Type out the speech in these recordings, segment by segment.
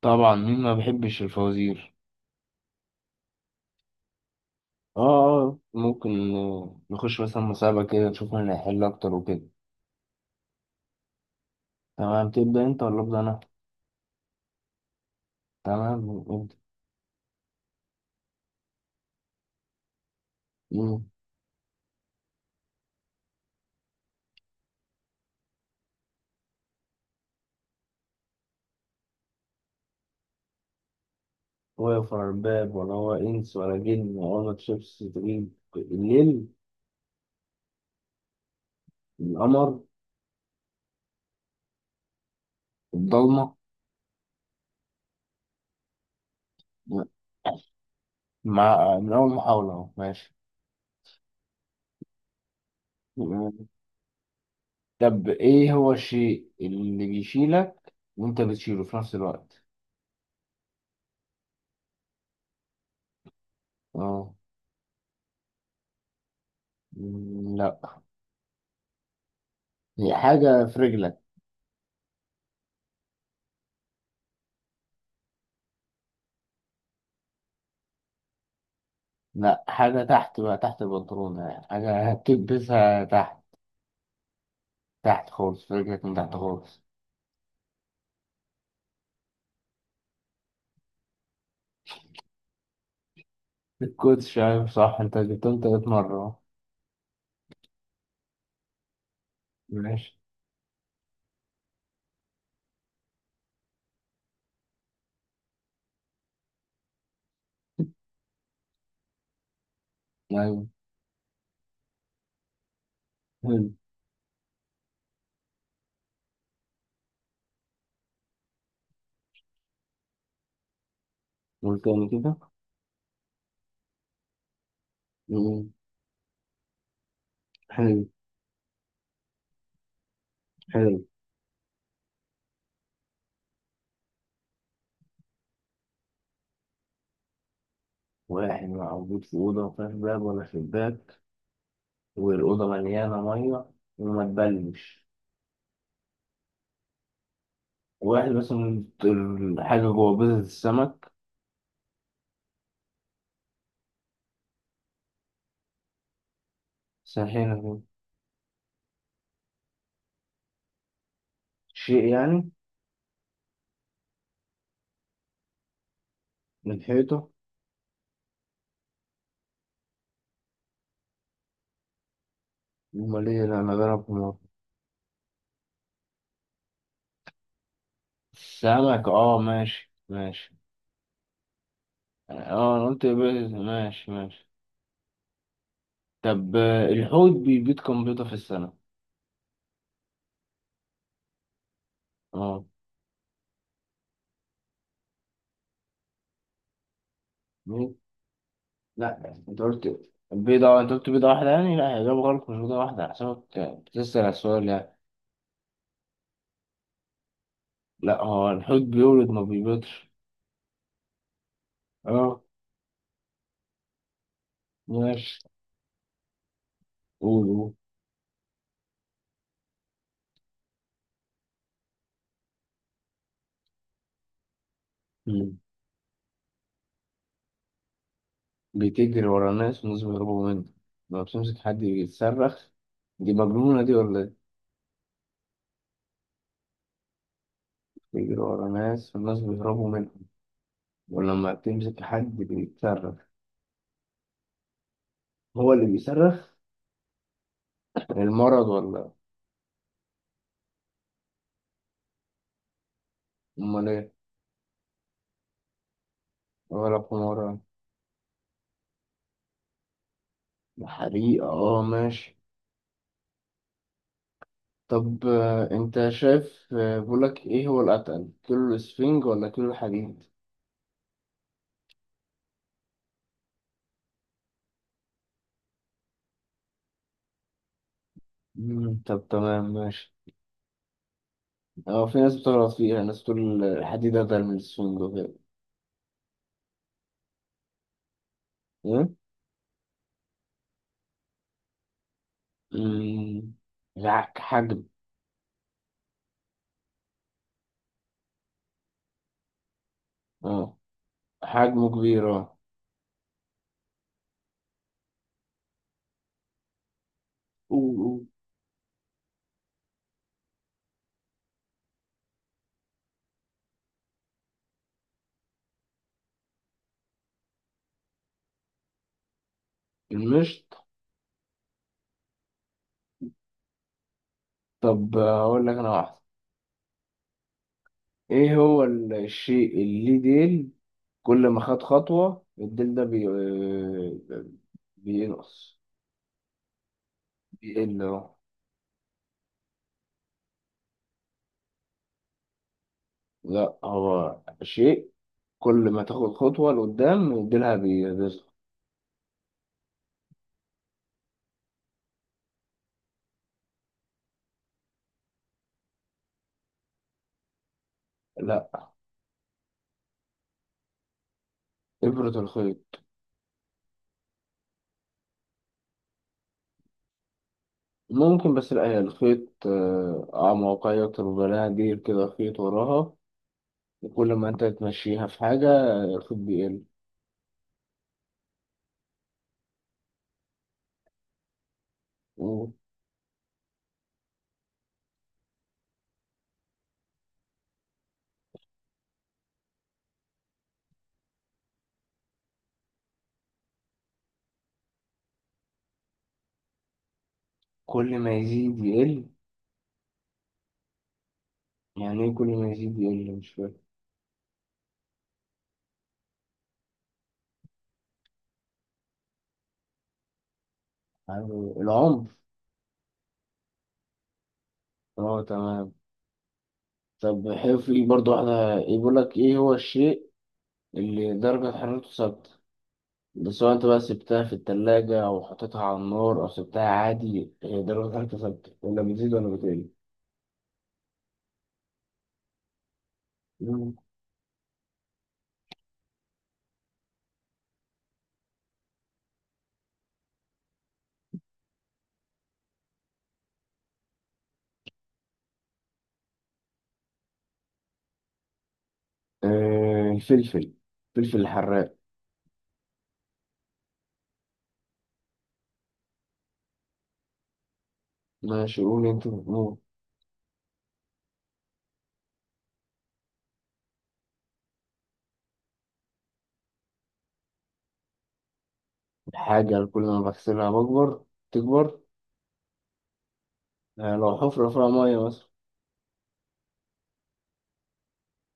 طبعا مين ما بيحبش الفوازير. اه اه، ممكن نخش مثلا مسابقة كده نشوف مين هيحل أكتر وكده. تمام، تبدأ أنت ولا أبدأ أنا؟ تمام، ابدأ. مم. هو يقفل الباب ولا هو إنس ولا جن ولا شيبس تجيب الليل؟ القمر. الضلمة. مع من أول محاولة أهو ماشي. مم. طب إيه هو الشيء اللي بيشيلك وأنت بتشيله في نفس الوقت؟ أه. مم، لأ. هي حاجة في رجلك. لا، حاجة تحت بقى، تحت البنطلون يعني، حاجة هتلبسها تحت. تحت خالص، رجلك من تحت خالص. الكوتش، شايف؟ صح، انت جبتهم 3 مرة اهو. ماشي. أيوة. حلو. والتاني كده. مم. حلو. حلو. واحد موجود في أوضة مفيهاش باب ولا شباك، والأوضة مليانة مية وما تبلش. واحد بس من الحاجة جوه بيضة السمك. سرحينة كده. شيء يعني. من حيطة. ومليانة مجرة. سمك، اه، ماشي ماشي. اه، انا قلت ماشي ماشي. طب الحوت بيبيض كام بيضة في السنة؟ اه. بيض؟ لا انت قلت بيضة، انت قلت بيضة واحدة يعني؟ لا، هي إجابة غلط، مش بيضة واحدة، على حسابك بتسأل على السؤال يعني. لا، هو الحوت بيولد ما بيبيضش. اه. ماشي. قول، قول. مم. بتجري ورا الناس والناس بيهربوا منها، لما بتمسك حد يتصرخ. دي مجنونة دي ولا ايه؟ بتجري ورا ناس والناس بيهربوا منها، ولما بتمسك حد بيتصرف. هو اللي بيصرخ. المرض ولا. امال ايه. ولا حمارة. حريقة، اه، ماشي. طب انت شايف، بقولك ايه هو الاتقل، كيلو الاسفنج ولا كيلو الحديد؟ مم، طب تمام ماشي. اه، في ناس بتغلط فيها، ناس تقول الحديد اتقل من الاسفنج وكده. ايه. مم. لا، حجم. اه، حجمه كبير، اه. أوه، أوه. المشط. طب هقول لك انا واحدة. ايه هو الشيء اللي ديل، كل ما خد خطوة الديل ده بي... آه، بينقص. بيقل اهو. لا، هو شيء كل ما تاخد خطوة لقدام ديلها بيصغر. لا. إبرة الخيط. ممكن، بس لا هي الخيط أعمق أكتر، وبلاها ديل كده، خيط وراها، وكل ما أنت تمشيها في حاجة الخيط بيقل. وكل ما يزيد يقل. يعني إيه كل ما يزيد يقل؟ مش فاهم. يعني العمر. اه، تمام. طب حلو، في برضو واحدة، يقول لك ايه هو الشيء اللي درجة حرارته ثابتة، ده سواء انت بقى سبتها في التلاجة او حطيتها على النار او سبتها عادي، هي درجة حرارته ثابتة، ولا بتزيد ولا بتقل. مم. الفلفل، الفلفل الحراق. ماشي، قول انت بتقول. الحاجة اللي كل ما بغسلها بكبر، تكبر. آه، لو حفرة فيها مية مثلا.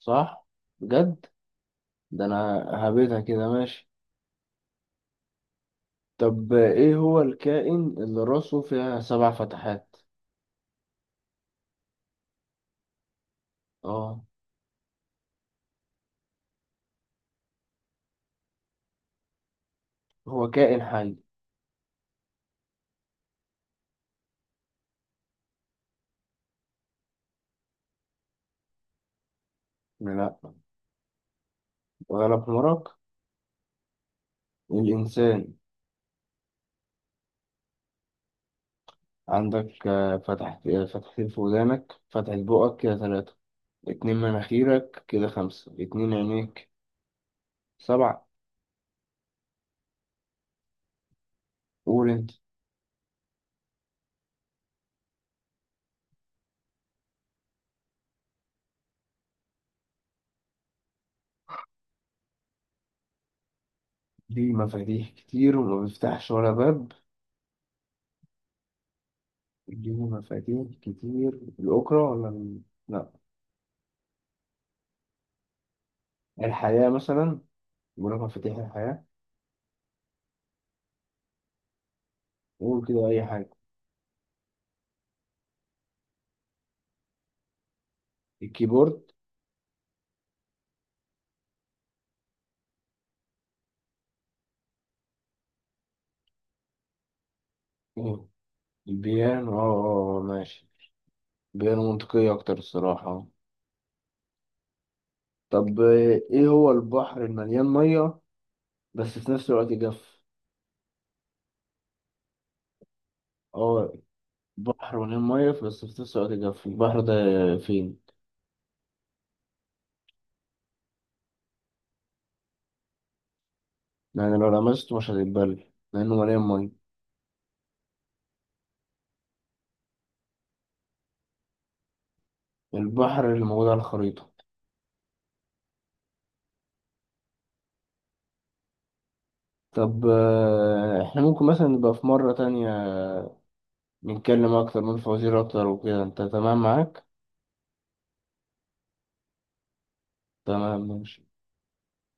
صح. بجد. ده انا هبيتها كده، ماشي. طب ايه هو الكائن اللي راسه فيها 7 فتحات؟ اه. هو كائن حي. لا. غلب حمرك. الإنسان. عندك فتحتين في ودانك، فتحة بقك، كده 3، 2 مناخيرك كده 5، 2 عينيك، 7. قول انت. ليه مفاتيح كتير وما بيفتحش ولا باب؟ ليه مفاتيح كتير؟ الأوكرة ولا لا، الحياة مثلا، بقول لك مفاتيح الحياة. قول كده أي حاجة. الكيبورد. قول. البيانو، اه، ماشي. بيانو منطقية أكتر الصراحة. طب ايه هو البحر المليان ميه بس في نفس الوقت جاف؟ اه، بحر مليان ميه بس في نفس الوقت جاف، البحر ده فين؟ يعني لو لمسته مش هتتبل لانه مليان ميه. البحر اللي موجود على الخريطه. طب احنا ممكن مثلا نبقى في مرة تانية نتكلم أكتر، من فوازير أكتر وكده، أنت تمام معاك؟ تمام ماشي.